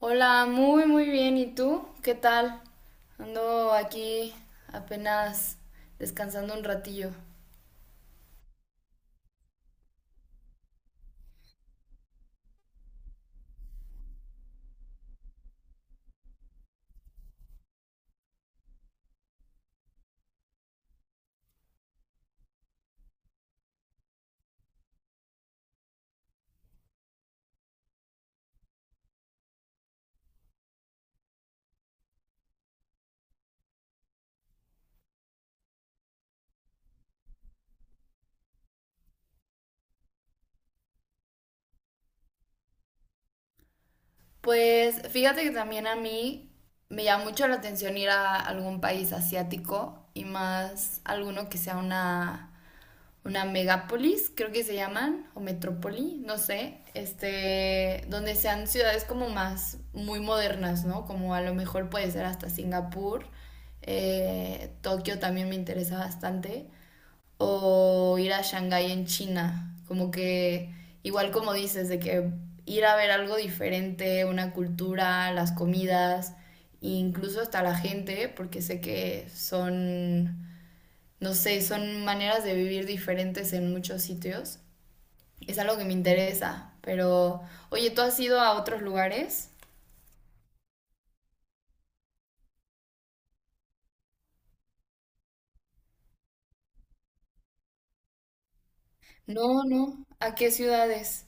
Hola, muy muy bien. ¿Y tú? ¿Qué tal? Ando aquí apenas descansando un ratillo. Pues fíjate que también a mí me llama mucho la atención ir a algún país asiático y más alguno que sea una megápolis, creo que se llaman, o metrópoli, no sé, este, donde sean ciudades como más muy modernas, ¿no? Como a lo mejor puede ser hasta Singapur. Tokio también me interesa bastante, o ir a Shanghái en China. Como que, igual como dices, de que ir a ver algo diferente, una cultura, las comidas, e incluso hasta la gente, porque sé que son, no sé, son maneras de vivir diferentes en muchos sitios. Es algo que me interesa, pero, oye, ¿tú has ido a otros lugares? No, no. ¿A qué ciudades?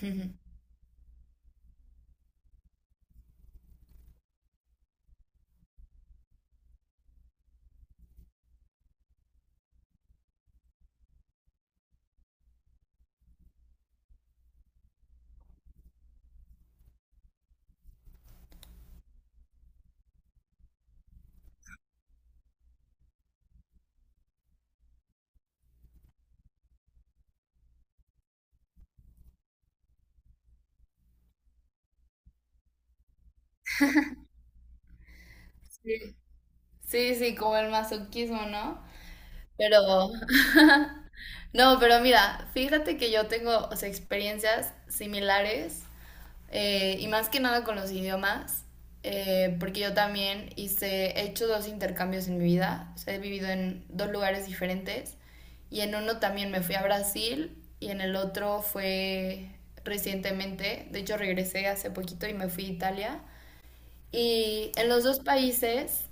Sí, sí, sí, como el masoquismo, ¿no? Pero, no, pero mira, fíjate que yo tengo, o sea, experiencias similares, y más que nada con los idiomas. Porque yo también he hecho dos intercambios en mi vida, o sea, he vivido en dos lugares diferentes, y en uno también me fui a Brasil y en el otro fue recientemente, de hecho regresé hace poquito y me fui a Italia, y en los dos países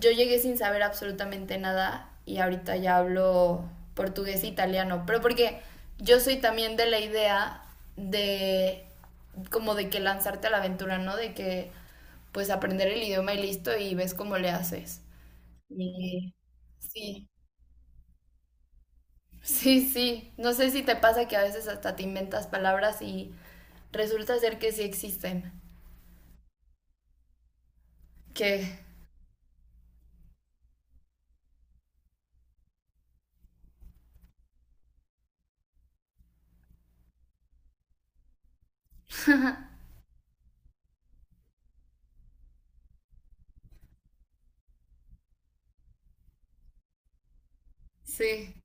yo llegué sin saber absolutamente nada y ahorita ya hablo portugués e italiano, pero porque yo soy también de la idea de como de que lanzarte a la aventura, ¿no? De que pues aprender el idioma y listo y ves cómo le haces. Y sí, sí, sí. No sé si te pasa que a veces hasta te inventas palabras y resulta ser que sí existen. Que sí.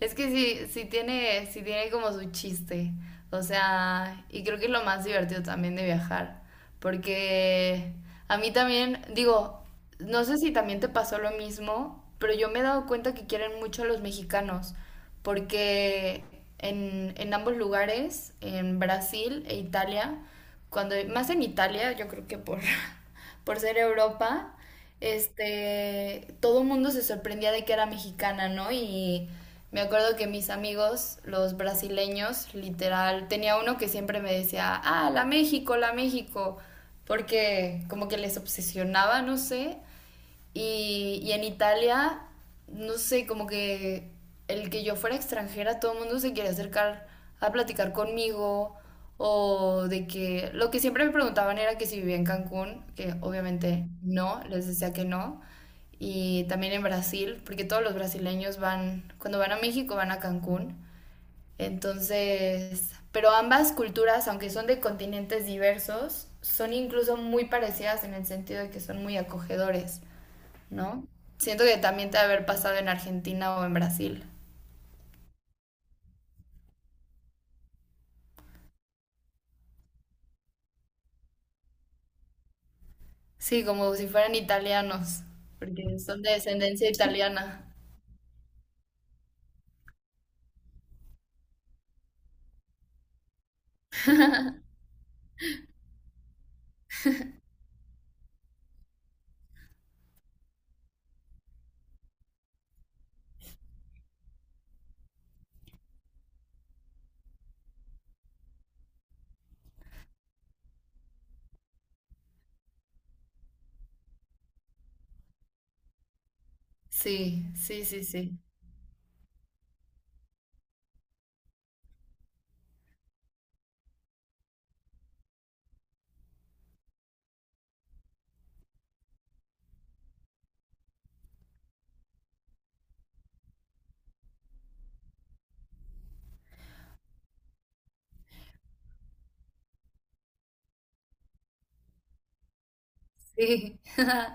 Es que sí, sí tiene como su chiste. O sea, y creo que es lo más divertido también de viajar. Porque a mí también, digo, no sé si también te pasó lo mismo, pero yo me he dado cuenta que quieren mucho a los mexicanos. Porque en ambos lugares, en Brasil e Italia, cuando, más en Italia, yo creo que por, por ser Europa, este, todo el mundo se sorprendía de que era mexicana, ¿no? Y me acuerdo que mis amigos, los brasileños, literal, tenía uno que siempre me decía, ah, la México, porque como que les obsesionaba, no sé. Y en Italia, no sé, como que el que yo fuera extranjera, todo el mundo se quiere acercar a platicar conmigo, o de que lo que siempre me preguntaban era que si vivía en Cancún, que obviamente no, les decía que no, y también en Brasil, porque todos los brasileños van, cuando van a México van a Cancún. Entonces, pero ambas culturas, aunque son de continentes diversos, son incluso muy parecidas en el sentido de que son muy acogedores. ¿No? Siento que también te ha de haber pasado en Argentina o en Brasil. Sí, como si fueran italianos, porque son de descendencia italiana. Sí, sí, sí, sí. Sí,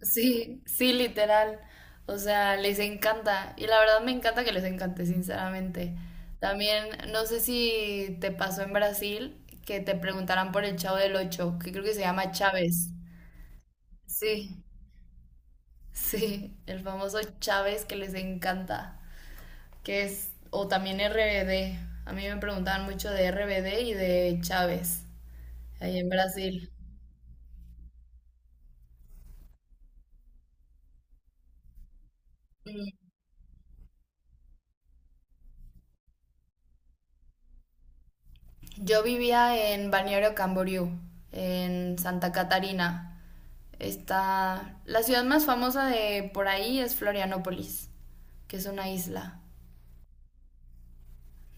sí, sí, literal. O sea, les encanta. Y la verdad me encanta que les encante, sinceramente. También, no sé si te pasó en Brasil que te preguntaran por el Chavo del Ocho, que creo que se llama Chávez. Sí, sí, el famoso Chávez que les encanta, que es, o también RBD. A mí me preguntaban mucho de RBD y de Chávez, ahí en Brasil. Yo vivía en Balneario Camboriú, en Santa Catarina. Está, la ciudad más famosa de por ahí es Florianópolis, que es una isla.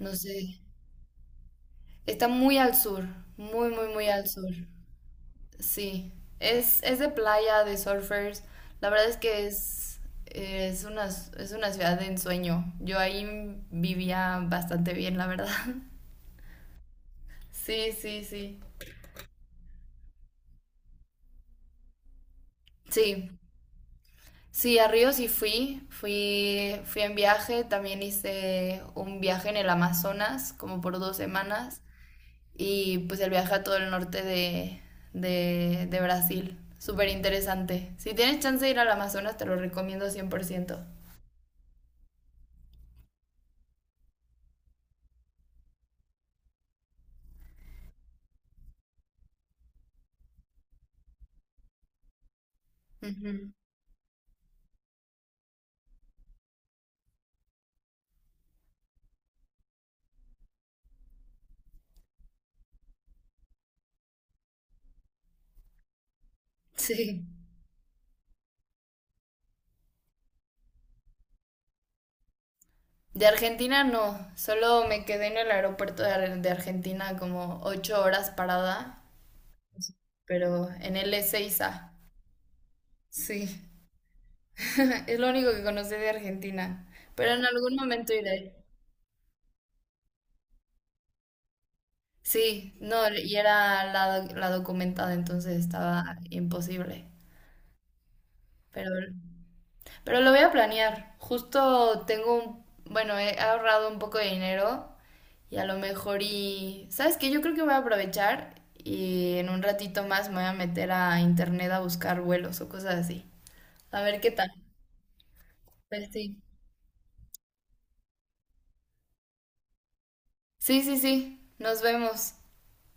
No sé, está muy al sur, muy, muy, muy al sur. Sí, es de playa, de surfers. La verdad es que es una ciudad de ensueño. Yo ahí vivía bastante bien, la verdad. Sí, sí, sí. Sí, sí, a Río sí fui. Fui, fui en viaje. También hice un viaje en el Amazonas, como por 2 semanas. Y pues el viaje a todo el norte de Brasil. Súper interesante. Si tienes chance de ir al Amazonas, te lo recomiendo 100%. Ujú. Sí. De Argentina no, solo me quedé en el aeropuerto de de Argentina como 8 horas parada, pero en el Ezeiza. Sí, es lo único que conocí de Argentina, pero en algún momento iré. Sí, no, y era la, la documentada, entonces estaba imposible, pero Pero lo voy a planear. Justo tengo un, bueno, he ahorrado un poco de dinero y a lo mejor y, ¿sabes qué? Yo creo que voy a aprovechar y en un ratito más me voy a meter a internet a buscar vuelos o cosas así. A ver qué tal. Pues sí. Sí, sí, sí. Nos vemos.